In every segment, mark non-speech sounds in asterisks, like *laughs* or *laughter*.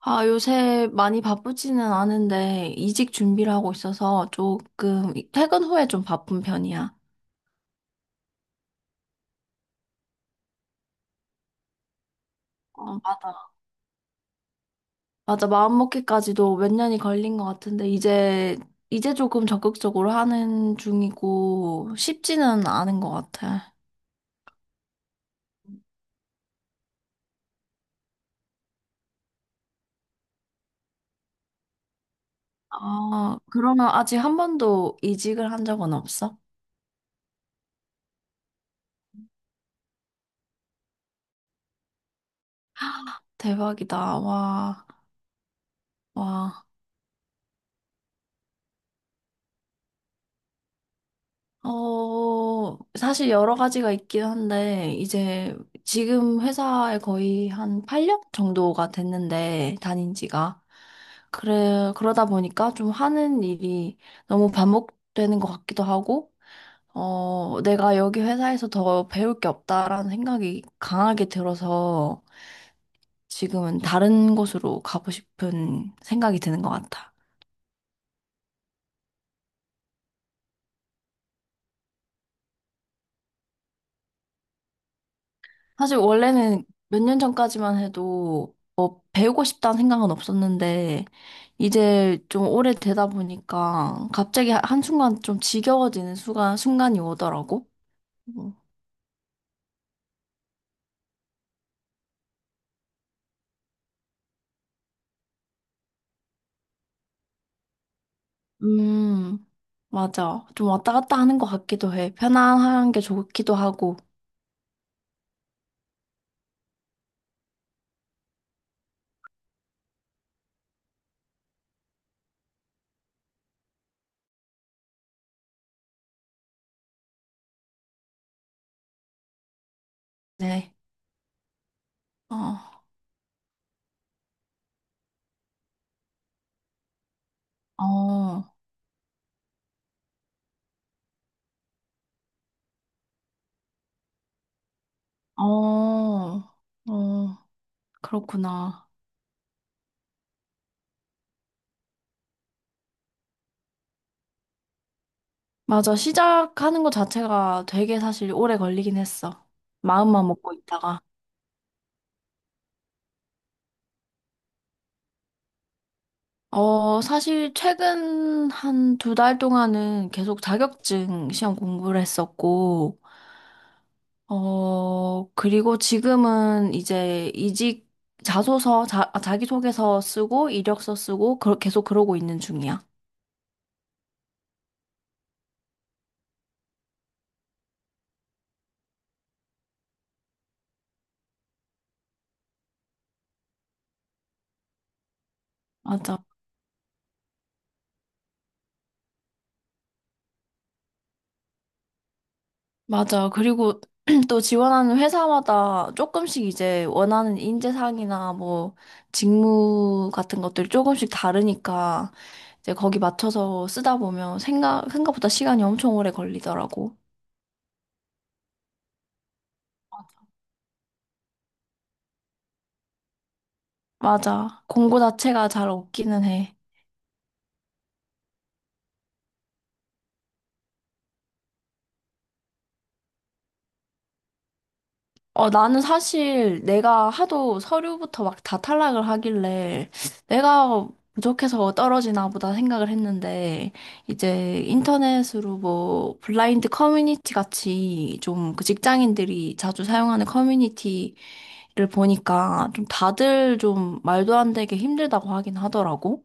아, 요새 많이 바쁘지는 않은데 이직 준비를 하고 있어서 조금 퇴근 후에 좀 바쁜 편이야. 어, 맞아. 맞아, 마음먹기까지도 몇 년이 걸린 것 같은데 이제 조금 적극적으로 하는 중이고 쉽지는 않은 것 같 아, 아, 그러면 아직 한 번도 이직을 한 적은 없어? 대박이다. 와, 와. 어, 사실 여러 가지가 있긴 한데, 이제 지금 회사에 거의 한 8년 정도가 됐는데, 다닌 지가. 그래, 그러다 보니까 좀 하는 일이 너무 반복되는 것 같기도 하고, 어, 내가 여기 회사에서 더 배울 게 없다라는 생각이 강하게 들어서 지금은 다른 곳으로 가고 싶은 생각이 드는 것 같아. 사실 원래는 몇 년 전까지만 해도 배우고 싶다는 생각은 없었는데, 이제 좀 오래 되다 보니까 갑자기 한순간 좀 지겨워지는 순간이 오더라고. 음, 맞아. 좀 왔다 갔다 하는 것 같기도 해. 편안한 게 좋기도 하고. 네. 어, 어, 어, 어, 그렇구나. 맞아. 시작하는 것 자체가 되게 사실 오래 걸리긴 했어. 마음만 먹고 있다가. 어, 사실 최근 한 두 달 동안은 계속 자격증 시험 공부를 했었고, 어, 그리고 지금은 이제 이직 자소서, 자기소개서 쓰고, 이력서 쓰고, 그러, 계속 그러고 있는 중이야. 맞아. 맞아. 그리고 *clears throat* 또 지원하는 회사마다 조금씩 이제 원하는 인재상이나 뭐 직무 같은 것들이 조금씩 다르니까 이제 거기 맞춰서 쓰다 보면 생각보다 시간이 엄청 오래 걸리더라고. 맞아. 공고 자체가 잘 없기는 해. 어, 나는 사실 내가 하도 서류부터 막 다 탈락을 하길래 내가 부족해서 떨어지나 보다 생각을 했는데 이제 인터넷으로 뭐 블라인드 커뮤니티 같이 좀 그 직장인들이 자주 사용하는 커뮤니티를 보니까 좀 다들 좀 말도 안 되게 힘들다고 하긴 하더라고.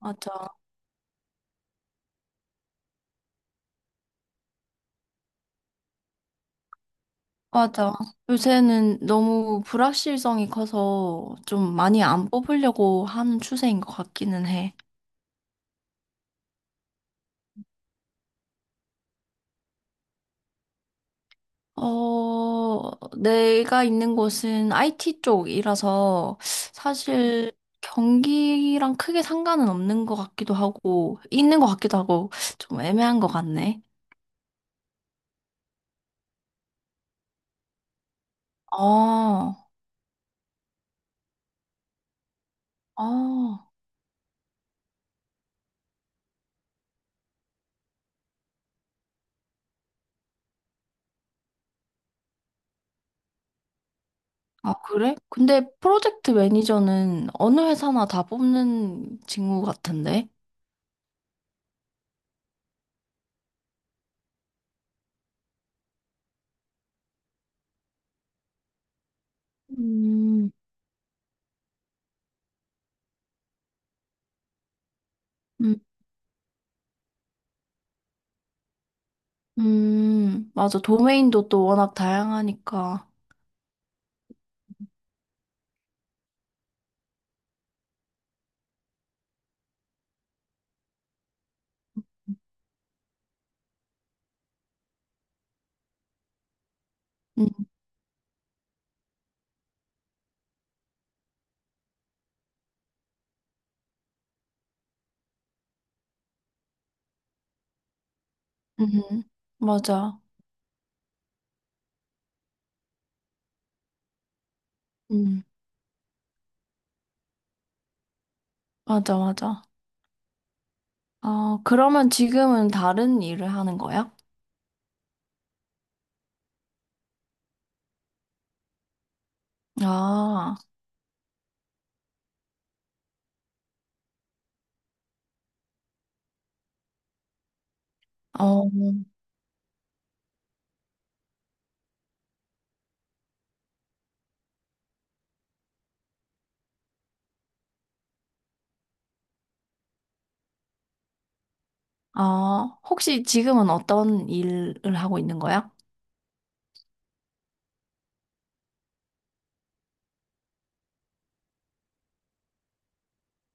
맞아. 맞아. 요새는 너무 불확실성이 커서 좀 많이 안 뽑으려고 하는 추세인 것 같기는 해. 어, 내가 있는 곳은 IT 쪽이라서 사실 경기랑 크게 상관은 없는 것 같기도 하고, 있는 것 같기도 하고, 좀 애매한 것 같네. 아, 아, 아, 그래? 근데 프로젝트 매니저는 어느 회사나 다 뽑는 직무 같은데? 음, 음, 맞아. 도메인도 또 워낙 다양하니까. 음, 음, 맞아. 음, 맞아, 맞아. 어, 그러면 지금은 다른 일을 하는 거야? 아, 어, 아, 혹시 지금은 어떤 일을 하고 있는 거야?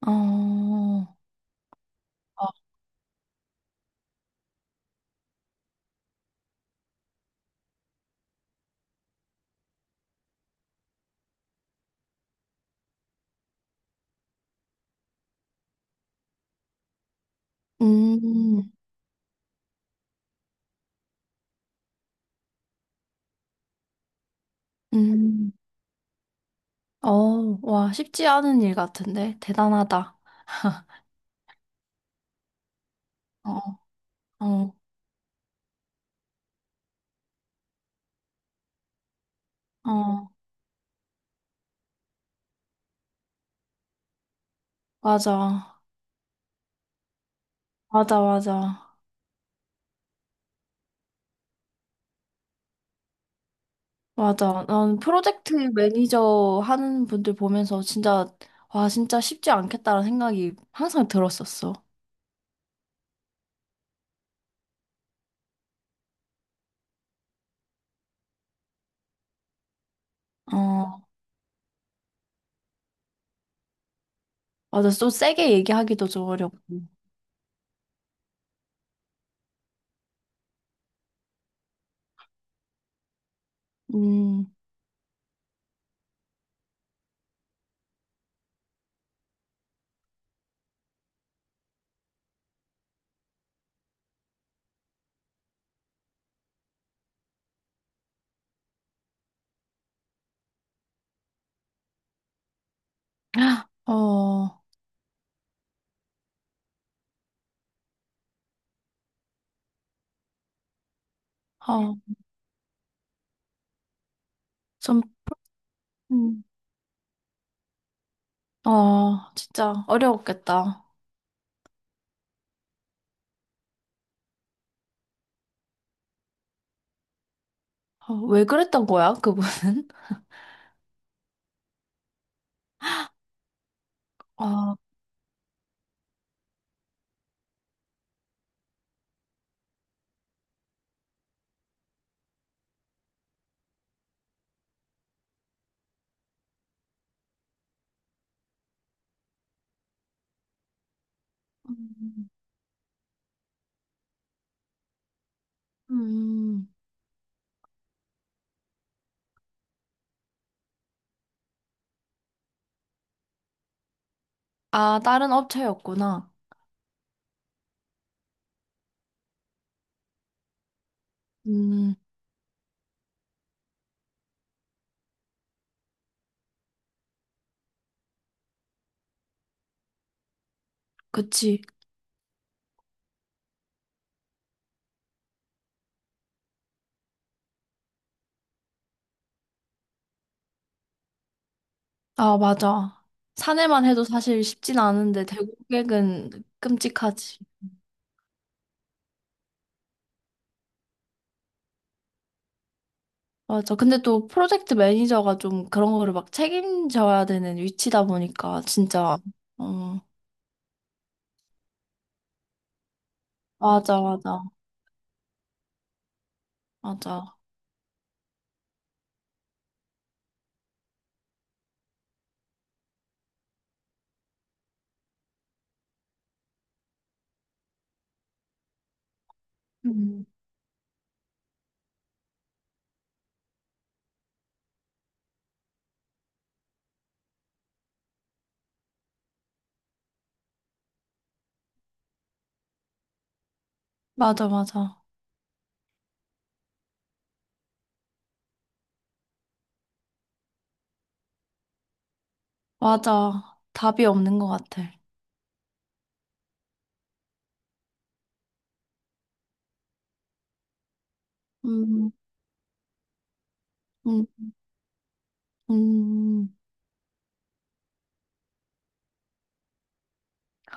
어, 어, 음, 음, 어, 와, 쉽지 않은 일 같은데? 대단하다. 어, 어, 어, 맞아. 맞아, 맞아. 맞아. 난 프로젝트 매니저 하는 분들 보면서 진짜, 와, 진짜 쉽지 않겠다라는 생각이 항상 들었었어. 어, 맞아, 좀 세게 얘기하기도 좀 어렵고. 음, *gasps* 어, 어, 좀, 음, 어, 진짜 어려웠겠다. 어, 왜 그랬던 거야, 그분은? *laughs* 아, 음, 음. 아, 다른 업체였구나. 음, 그치. 아, 맞아. 사내만 해도 사실 쉽진 않은데, 대고객은 끔찍하지. 맞아. 근데 또 프로젝트 매니저가 좀 그런 거를 막 책임져야 되는 위치다 보니까, 진짜. 어, 맞아, 맞아. 맞아. 음. 맞아, 맞아. 맞아. 답이 없는 것 같아. 음, 음, 음.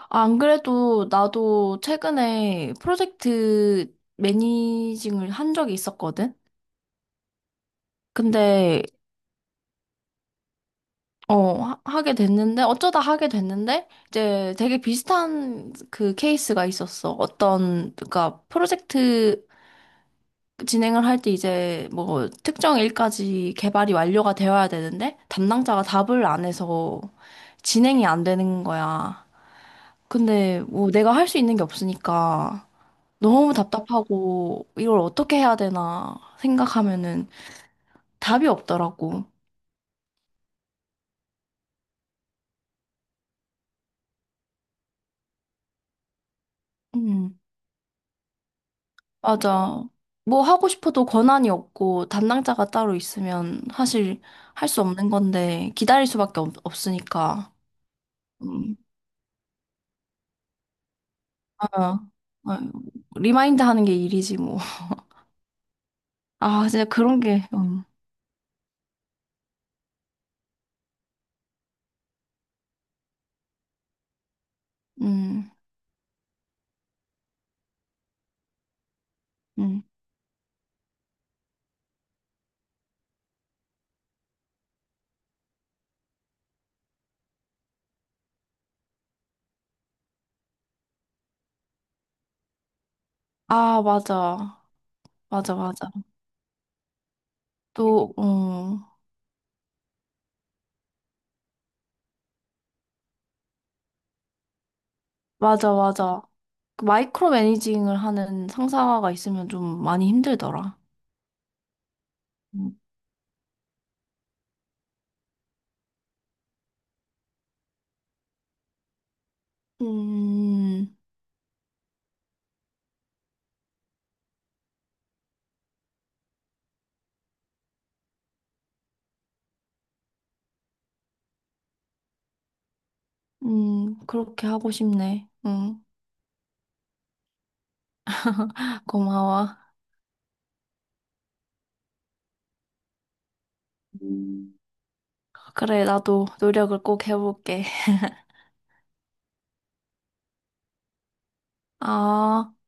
아, 안 그래도 나도 최근에 프로젝트 매니징을 한 적이 있었거든? 근데, 어, 하게 됐는데, 어쩌다 하게 됐는데, 이제 되게 비슷한 그 케이스가 있었어. 어떤, 그러니까 프로젝트 진행을 할 때 이제 뭐 특정 일까지 개발이 완료가 되어야 되는데 담당자가 답을 안 해서 진행이 안 되는 거야. 근데 뭐 내가 할 수 있는 게 없으니까 너무 답답하고 이걸 어떻게 해야 되나 생각하면은 답이 없더라고. 음, 맞아. 뭐 하고 싶어도 권한이 없고 담당자가 따로 있으면 사실 할 수 없는 건데 기다릴 수밖에 없으니까. 음. 어, 어, 리마인드 하는 게 일이지, 뭐. 아, 진짜 그런 게, 음, 음. 아, 맞아. 맞아, 맞아. 또, 응 맞아, 맞아. 그 마이크로 매니징을 하는 상사가 있으면 좀 많이 힘들더라. 음, 음, 그렇게 하고 싶네. 고마워. 음. 그래, 나도 노력을 꼭 해볼게. 아.